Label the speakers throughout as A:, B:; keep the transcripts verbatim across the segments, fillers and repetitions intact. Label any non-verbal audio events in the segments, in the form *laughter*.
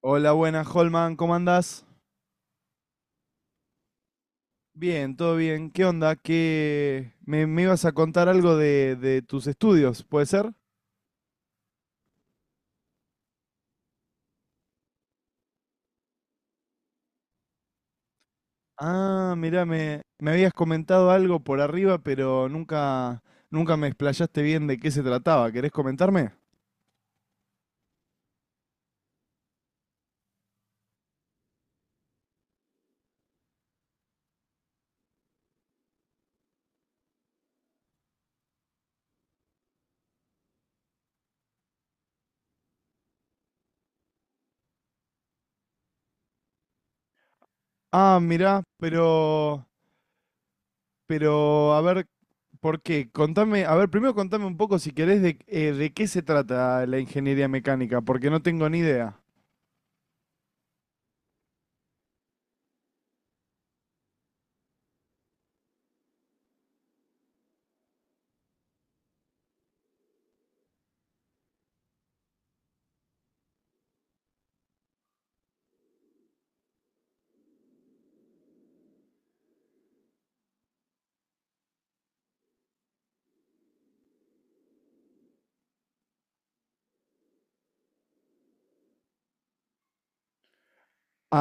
A: Hola, buenas, Holman, ¿cómo andás? Bien, todo bien. ¿Qué onda? ¿Qué... Me, me ibas a contar algo de, de tus estudios, ¿puede ser? Ah, mirá, me, me habías comentado algo por arriba, pero nunca, nunca me explayaste bien de qué se trataba. ¿Querés comentarme? Ah, mirá, pero, pero, a ver, ¿por qué? Contame, a ver, primero contame un poco si querés de, eh, de qué se trata la ingeniería mecánica, porque no tengo ni idea.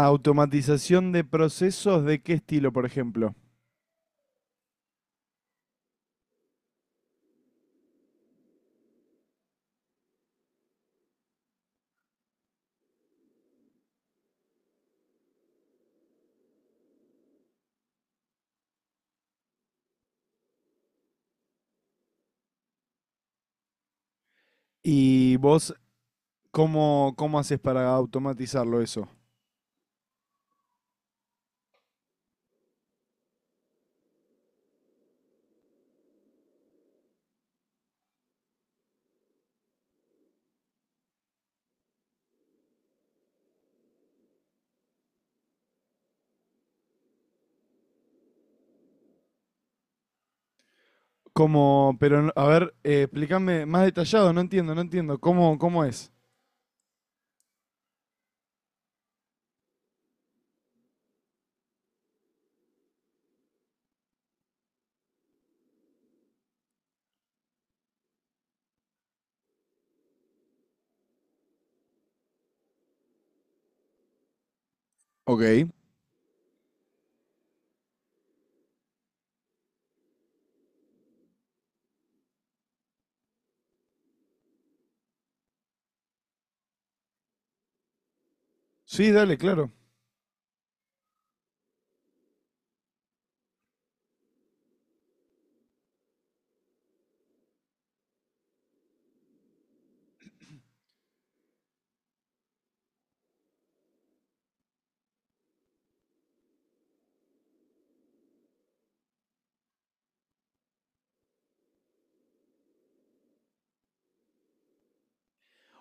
A: Automatización de procesos, ¿de qué estilo, por ejemplo? ¿Y vos cómo, cómo haces para automatizarlo eso? ¿Cómo, pero no- a ver, eh, explícame más detallado, no entiendo, no entiendo. ¿Cómo, cómo es? Ok. Sí, dale, claro.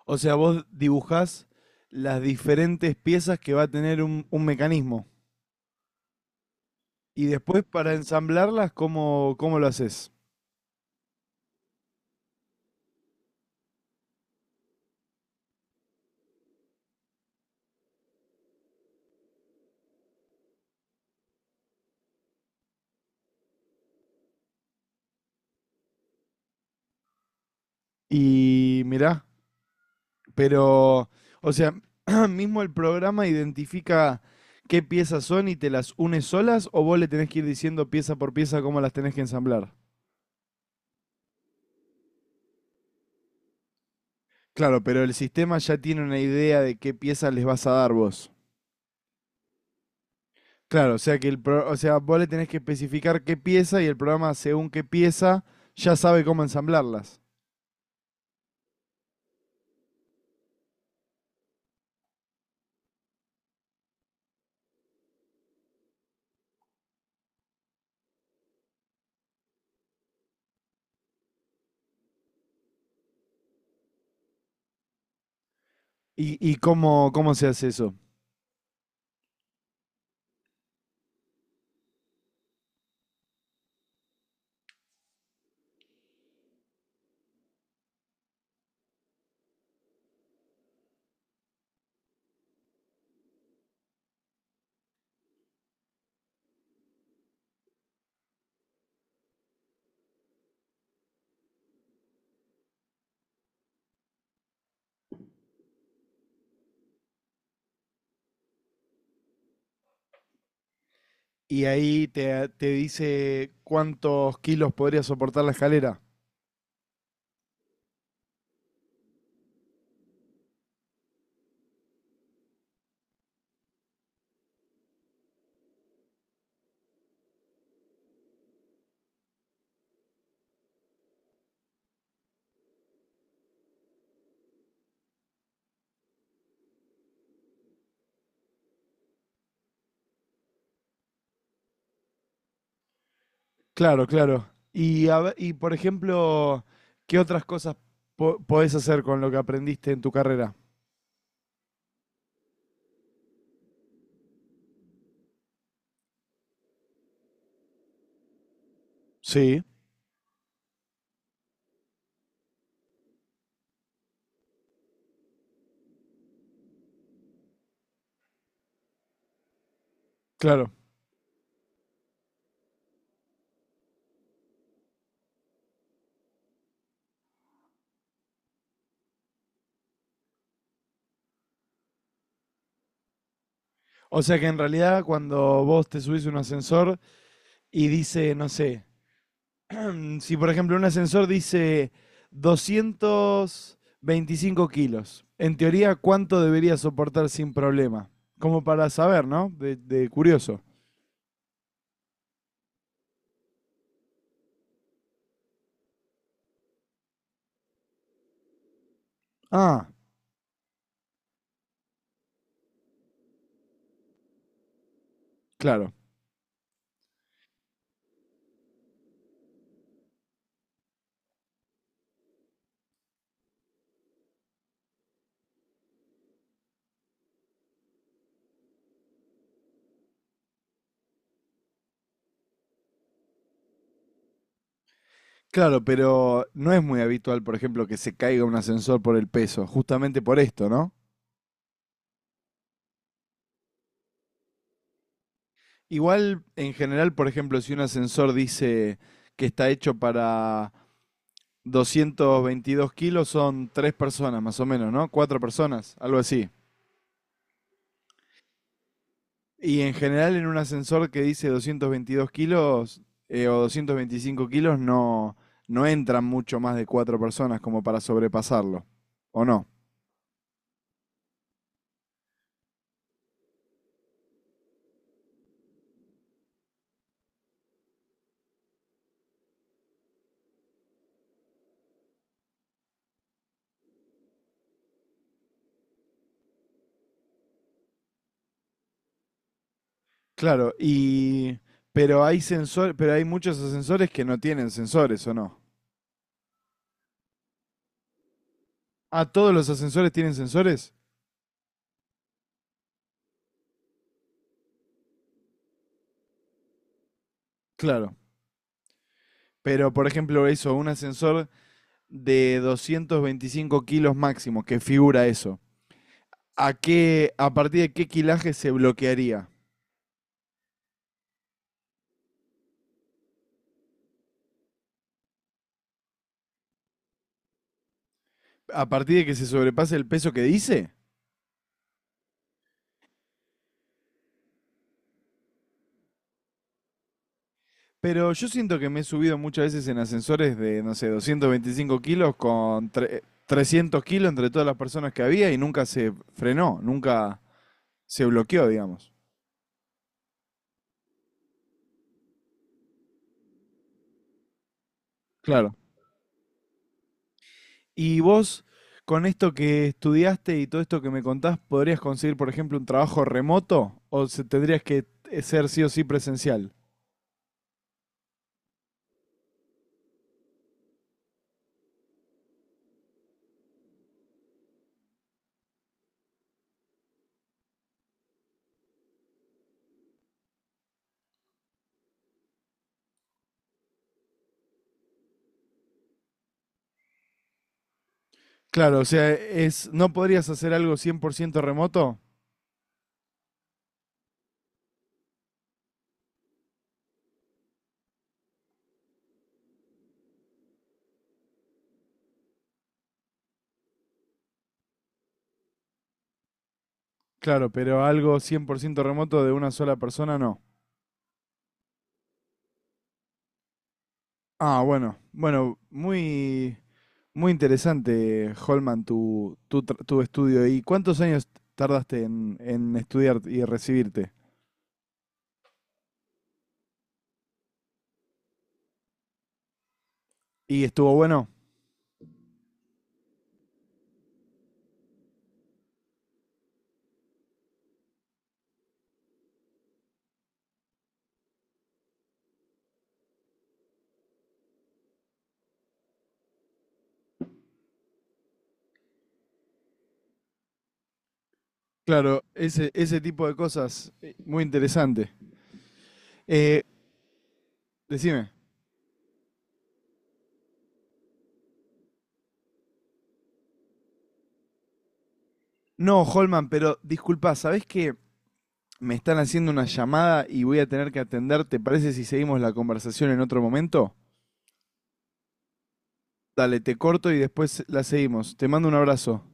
A: O sea, vos dibujás las diferentes piezas que va a tener un, un mecanismo. Y después para ensamblarlas, ¿cómo, cómo lo haces? Y mirá, pero, o sea, *clears throat* mismo el programa identifica qué piezas son y te las une solas o vos le tenés que ir diciendo pieza por pieza cómo las tenés que ensamblar. Claro, pero el sistema ya tiene una idea de qué piezas les vas a dar vos. Claro, o sea que el pro- o sea, vos le tenés que especificar qué pieza y el programa según qué pieza ya sabe cómo ensamblarlas. ¿Y, y cómo, cómo se hace eso? Y ahí te, te dice cuántos kilos podría soportar la escalera. Claro, claro. Y, a ve- y por ejemplo, ¿qué otras cosas po- podés hacer con lo que aprendiste en tu carrera? Sí, claro. O sea que en realidad cuando vos te subís a un ascensor y dice, no sé, mm, si por ejemplo un ascensor dice doscientos veinticinco kilos, en teoría, ¿cuánto debería soportar sin problema? Como para saber, ¿no? De, de curioso. Ah, claro. Claro, pero no es muy habitual, por ejemplo, que se caiga un ascensor por el peso, justamente por esto, ¿no? Igual, en general, por ejemplo, si un ascensor dice que está hecho para doscientos veintidós kilos, son tres personas más o menos, ¿no? Cuatro personas, algo así. Y en general, en un ascensor que dice doscientos veintidós kilos eh, o doscientos veinticinco kilos, no, no entran mucho más de cuatro personas como para sobrepasarlo, ¿o no? Claro, y pero hay sensor, pero hay muchos ascensores que no tienen sensores, ¿o no? Ah, todos los ascensores tienen sensores. Claro. Pero, por ejemplo, eso, un ascensor de doscientos veinticinco kilos máximo, que figura eso. ¿A qué, a partir de qué kilaje se bloquearía? ¿A partir de que se sobrepase el peso que dice? Pero yo siento que me he subido muchas veces en ascensores de, no sé, doscientos veinticinco kilos con tre- trescientos kilos entre todas las personas que había y nunca se frenó, nunca, se bloqueó, digamos. Claro. Y vos, con esto que estudiaste y todo esto que me contás, ¿podrías conseguir, por ejemplo, un trabajo remoto o se- tendrías que eh, ser sí o sí presencial? Claro, o sea, es, ¿no podrías hacer algo cien por ciento remoto? Claro, pero algo cien por ciento remoto de una sola persona no. Ah, bueno, bueno, muy, muy interesante, Holman, tu, tu, tra- tu estudio. ¿Y cuántos años tardaste en, en estudiar y recibirte? ¿Y estuvo bueno? Claro, ese, ese tipo de cosas, eh, muy interesante. Eh, decime, no, Holman, pero disculpa, ¿sabés que me están haciendo una llamada y voy a tener que atender? ¿Te parece si seguimos la conversación en otro momento? Dale, te corto y después la seguimos. Te mando un abrazo.